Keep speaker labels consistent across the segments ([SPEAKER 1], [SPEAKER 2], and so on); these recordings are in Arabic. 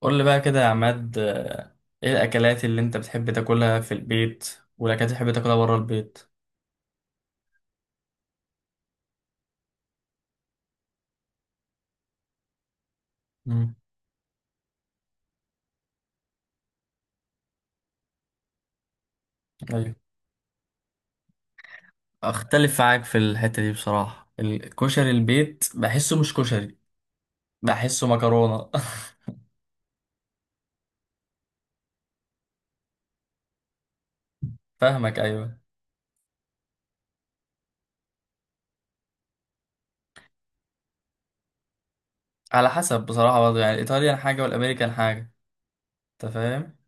[SPEAKER 1] قول لي بقى كده يا عماد، ايه الاكلات اللي انت بتحب تاكلها في البيت والاكلات اللي بتحب تاكلها بره البيت؟ مم. ايوه. اختلف معاك في الحتة دي بصراحة، الكشري البيت بحسه مش كشري، بحسه مكرونه. فاهمك، ايوه. على حسب بصراحه، برضه يعني الايطاليان حاجه والامريكان حاجه، انت فاهم؟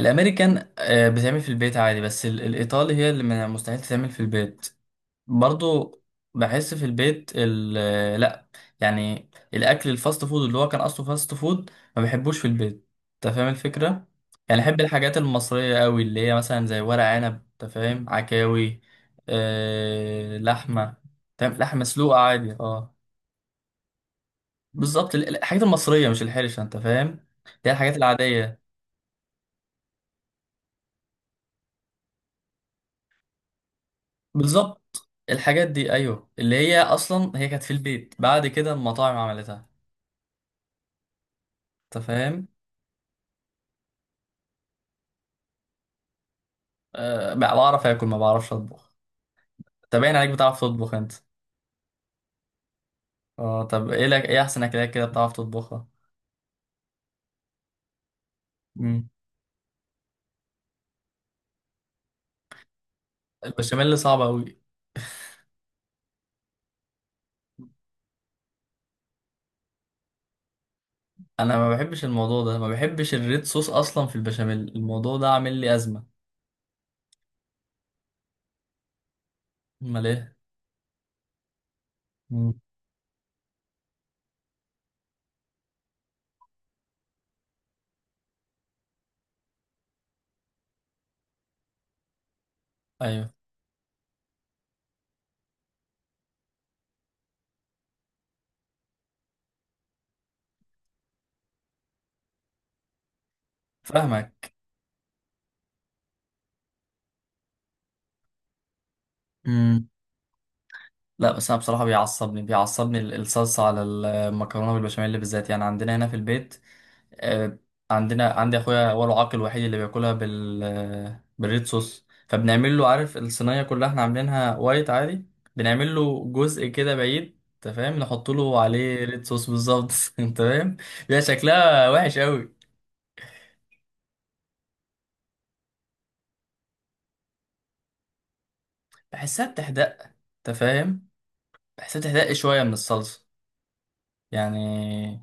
[SPEAKER 1] الامريكان بتعمل في البيت عادي، بس الايطالي هي اللي مستحيل تتعمل في البيت برضو. بحس في البيت ال آه، لا. يعني الاكل الفاست فود اللي هو كان اصله فاست فود، ما بحبوش في البيت. انت فاهم الفكره؟ يعني احب الحاجات المصريه قوي، اللي هي مثلا زي ورق عنب، انت فاهم، عكاوي، آه، لحمه. تمام، لحمه مسلوقه عادي، اه. بالظبط، الحاجات المصريه مش الحرشه، انت فاهم، اللي هي الحاجات العاديه. بالظبط، الحاجات دي ايوه، اللي هي اصلا هي كانت في البيت، بعد كده المطاعم عملتها، انت فاهم. أه، بعرف اكل، ما بعرفش اطبخ. طب باين عليك بتعرف تطبخ انت. اه، طب ايه لك، ايه احسن اكلات كده بتعرف تطبخها؟ مم. البشاميل صعب قوي. انا ما بحبش الموضوع ده، ما بحبش الريد صوص اصلا في البشاميل، الموضوع ده عامل لي ازمه. امال ايه؟ مم. ايوه، فاهمك. امم. لا بس انا بصراحه، بيعصبني الصلصه على المكرونه بالبشاميل بالذات، يعني عندنا هنا في البيت، آه، عندنا، عندي اخويا هو العاق الوحيد اللي بياكلها بالريد صوص، فبنعمل له، عارف، الصينيه كلها احنا عاملينها وايت عادي. بنعمل له جزء كده بعيد، انت فاهم، نحط له عليه ريد صوص بالظبط. انت فاهم؟ بيبقى شكلها وحش قوي. بحسها بتحدق، انت فاهم. بحسها بتحدق شويه من الصلصه يعني.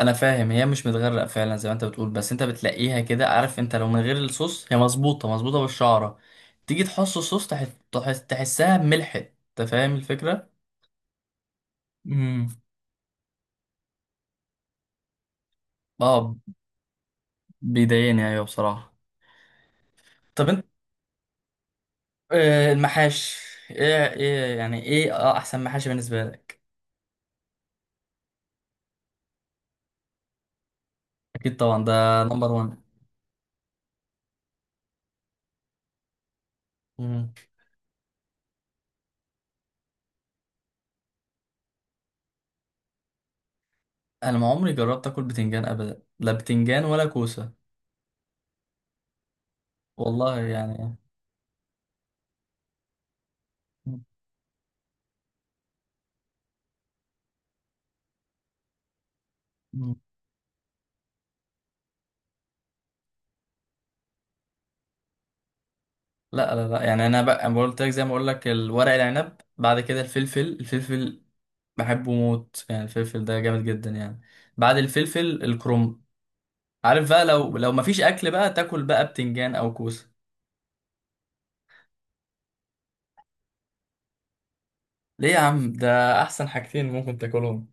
[SPEAKER 1] انا فاهم هي مش متغرق فعلا زي ما انت بتقول، بس انت بتلاقيها كده، عارف، انت لو من غير الصوص هي مظبوطه مظبوطه بالشعره. تيجي تحص الصوص، تحسها ملحت، انت فاهم الفكره؟ امم. اه، بيضايقني، ايوه، بصراحه. طب انت، المحاش، ايه ايه يعني، ايه اه احسن محاشي بالنسبه لك؟ اكيد طبعا، ده نمبر 1. انا ما عمري جربت اكل بتنجان ابدا، لا بتنجان ولا كوسه. والله يعني. مم. لا، لا، لا، يعني انا بقى، أنا قلت لك زي ما اقول لك، الورق العنب، بعد كده الفلفل، الفلفل بحبه موت، يعني الفلفل ده جامد جدا يعني. بعد الفلفل الكرنب، عارف بقى. لو مفيش اكل بقى، تاكل بقى بتنجان او كوسه؟ ليه يا عم؟ ده احسن حاجتين ممكن تاكلهم.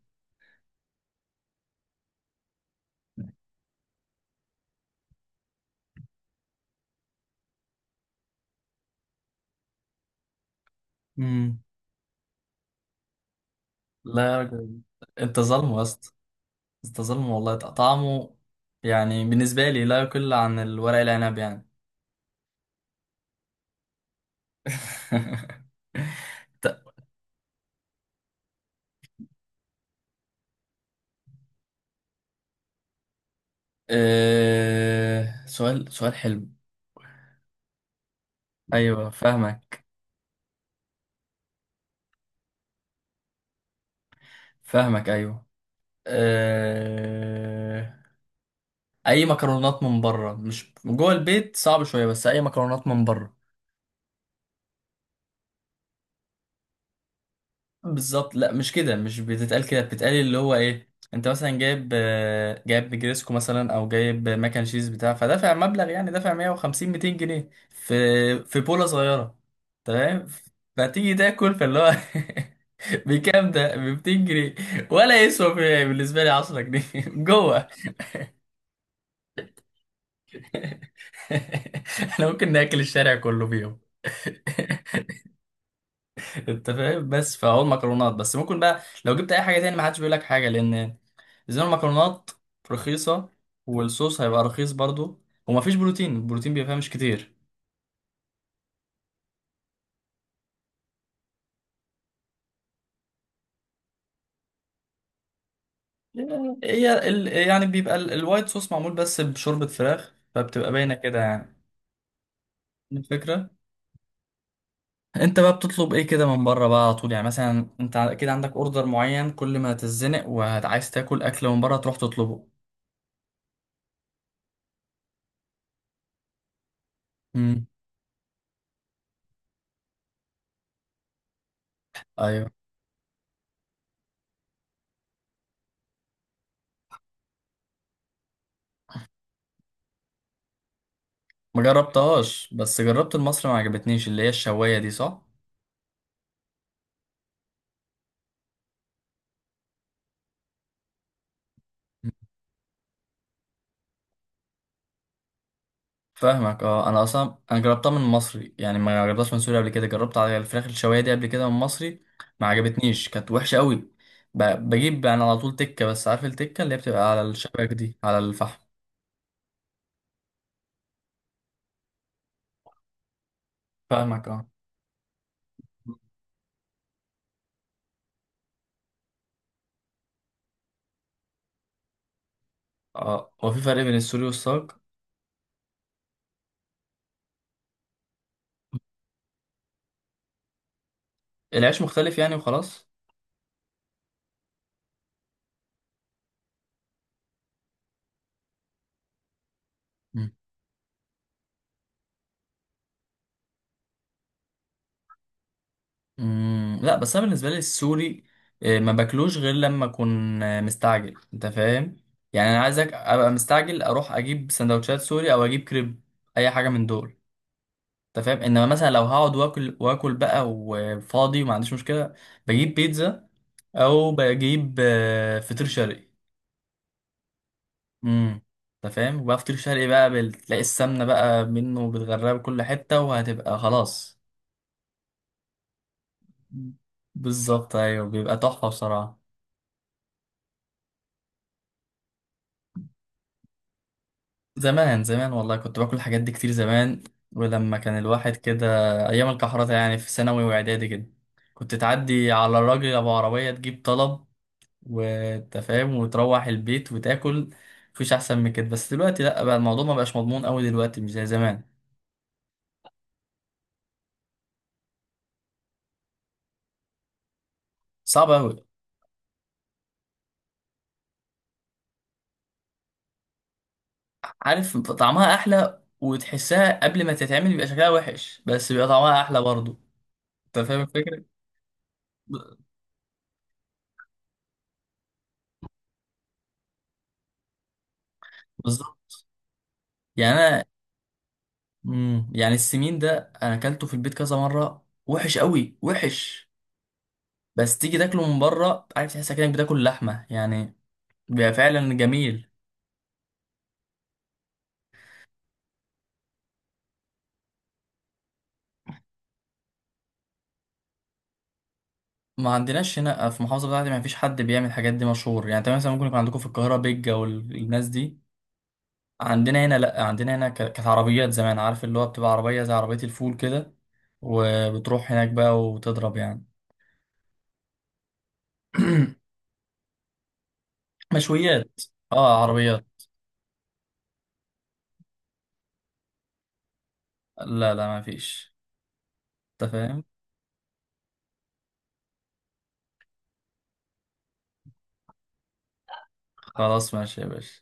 [SPEAKER 1] امم. لا يا راجل، انت ظالم يا اسطى. انت ظالم والله، طعمه يعني بالنسبه لي لا يقل عن الورق العنب يعني. ط- سؤال سؤال حلو. ايوه، فاهمك. فاهمك ايوه. أه... اي مكرونات من بره، مش جوه البيت صعب شويه، بس اي مكرونات من بره. بالظبط، لا مش كده، مش بتتقال كده. بتتقال اللي هو، ايه، انت مثلا جايب، جايب جريسكو مثلا، او جايب ماك اند تشيز بتاع، فدافع مبلغ يعني، دافع 150 200 جنيه في بوله صغيره. تمام. فتيجي تاكل، فاللي هو بكام ده؟ ب 200 جنيه، ولا يسوى، بالنسبه لي 10 جنيه. جوه. احنا ممكن ناكل الشارع كله فيهم. انت فاهم، بس فهو المكرونات بس. ممكن بقى لو جبت اي حاجه تاني ما حدش بيقول لك حاجه، لان زي ما المكرونات رخيصه والصوص هيبقى رخيص برضو، ومفيش بروتين، البروتين بيبقى فيها مش كتير. هي ال... يعني بيبقى ال... الوايت صوص معمول بس بشوربه فراخ، فبتبقى باينه كده، يعني الفكره. انت بقى بتطلب ايه كده من بره بقى على طول، يعني مثلا؟ انت اكيد عندك اوردر معين كل ما هتتزنق وعايز تاكل اكل من بره تروح تطلبه. امم. ايوه. ما جربتهاش، بس جربت المصري ما عجبتنيش، اللي هي الشوايه دي، صح؟ فاهمك، اه. انا اصلا انا جربتها من مصري، يعني ما جربتهاش من سوريا قبل كده، جربت على الفراخ الشوايه دي قبل كده من مصري، ما عجبتنيش، كانت وحشه قوي. بجيب يعني على طول تكه، بس عارف التكه اللي هي بتبقى على الشباك دي، على الفحم. فاهمك اه. اه، هو في فرق بين السوري والصاج؟ العيش مختلف يعني وخلاص. مم، لا بس انا بالنسبه لي السوري، ما باكلوش غير لما اكون مستعجل، انت فاهم. يعني انا عايزك ابقى مستعجل، اروح اجيب سندوتشات سوري، او اجيب كريب، اي حاجه من دول. انت فاهم. انما مثلا لو هقعد واكل واكل بقى وفاضي وما عنديش مشكله، بجيب بيتزا، او بجيب فطير شرقي. امم. انت فاهم. وبقى فطير شرقي بقى تلاقي السمنه بقى منه، بتغرقها بكل حته، وهتبقى خلاص. بالظبط، ايوه، بيبقى تحفه بصراحه. زمان زمان والله كنت باكل الحاجات دي كتير زمان. ولما كان الواحد كده، ايام الكحرطة، يعني في ثانوي واعدادي كده، كنت تعدي على الراجل ابو عربية، تجيب طلب، وانت فاهم، وتروح البيت وتاكل. مفيش احسن من كده. بس دلوقتي لا، بقى الموضوع ما بقاش مضمون قوي دلوقتي، مش زي زمان. صعب قوي. عارف طعمها احلى، وتحسها قبل ما تتعمل بيبقى شكلها وحش، بس بيبقى طعمها احلى برضه، انت فاهم الفكرة. ب- بالظبط. يعني انا، امم، يعني السمين ده انا اكلته في البيت كذا مره، وحش قوي وحش. بس تيجي تاكله من بره، عارف، تحس كأنك بتاكل لحمه يعني، بيبقى فعلا جميل. ما عندناش هنا في المحافظه بتاعتي، ما فيش حد بيعمل الحاجات دي مشهور، يعني انت مثلا ممكن يكون عندكم في القاهره بيجا والناس دي، عندنا هنا لا. عندنا هنا كانت عربيات زمان، عارف، اللي هو بتبقى عربيه زي عربيه الفول كده، وبتروح هناك بقى وتضرب يعني. مشويات. اه، عربيات. لا لا ما فيش، انت فاهم. خلاص ماشي يا باشا.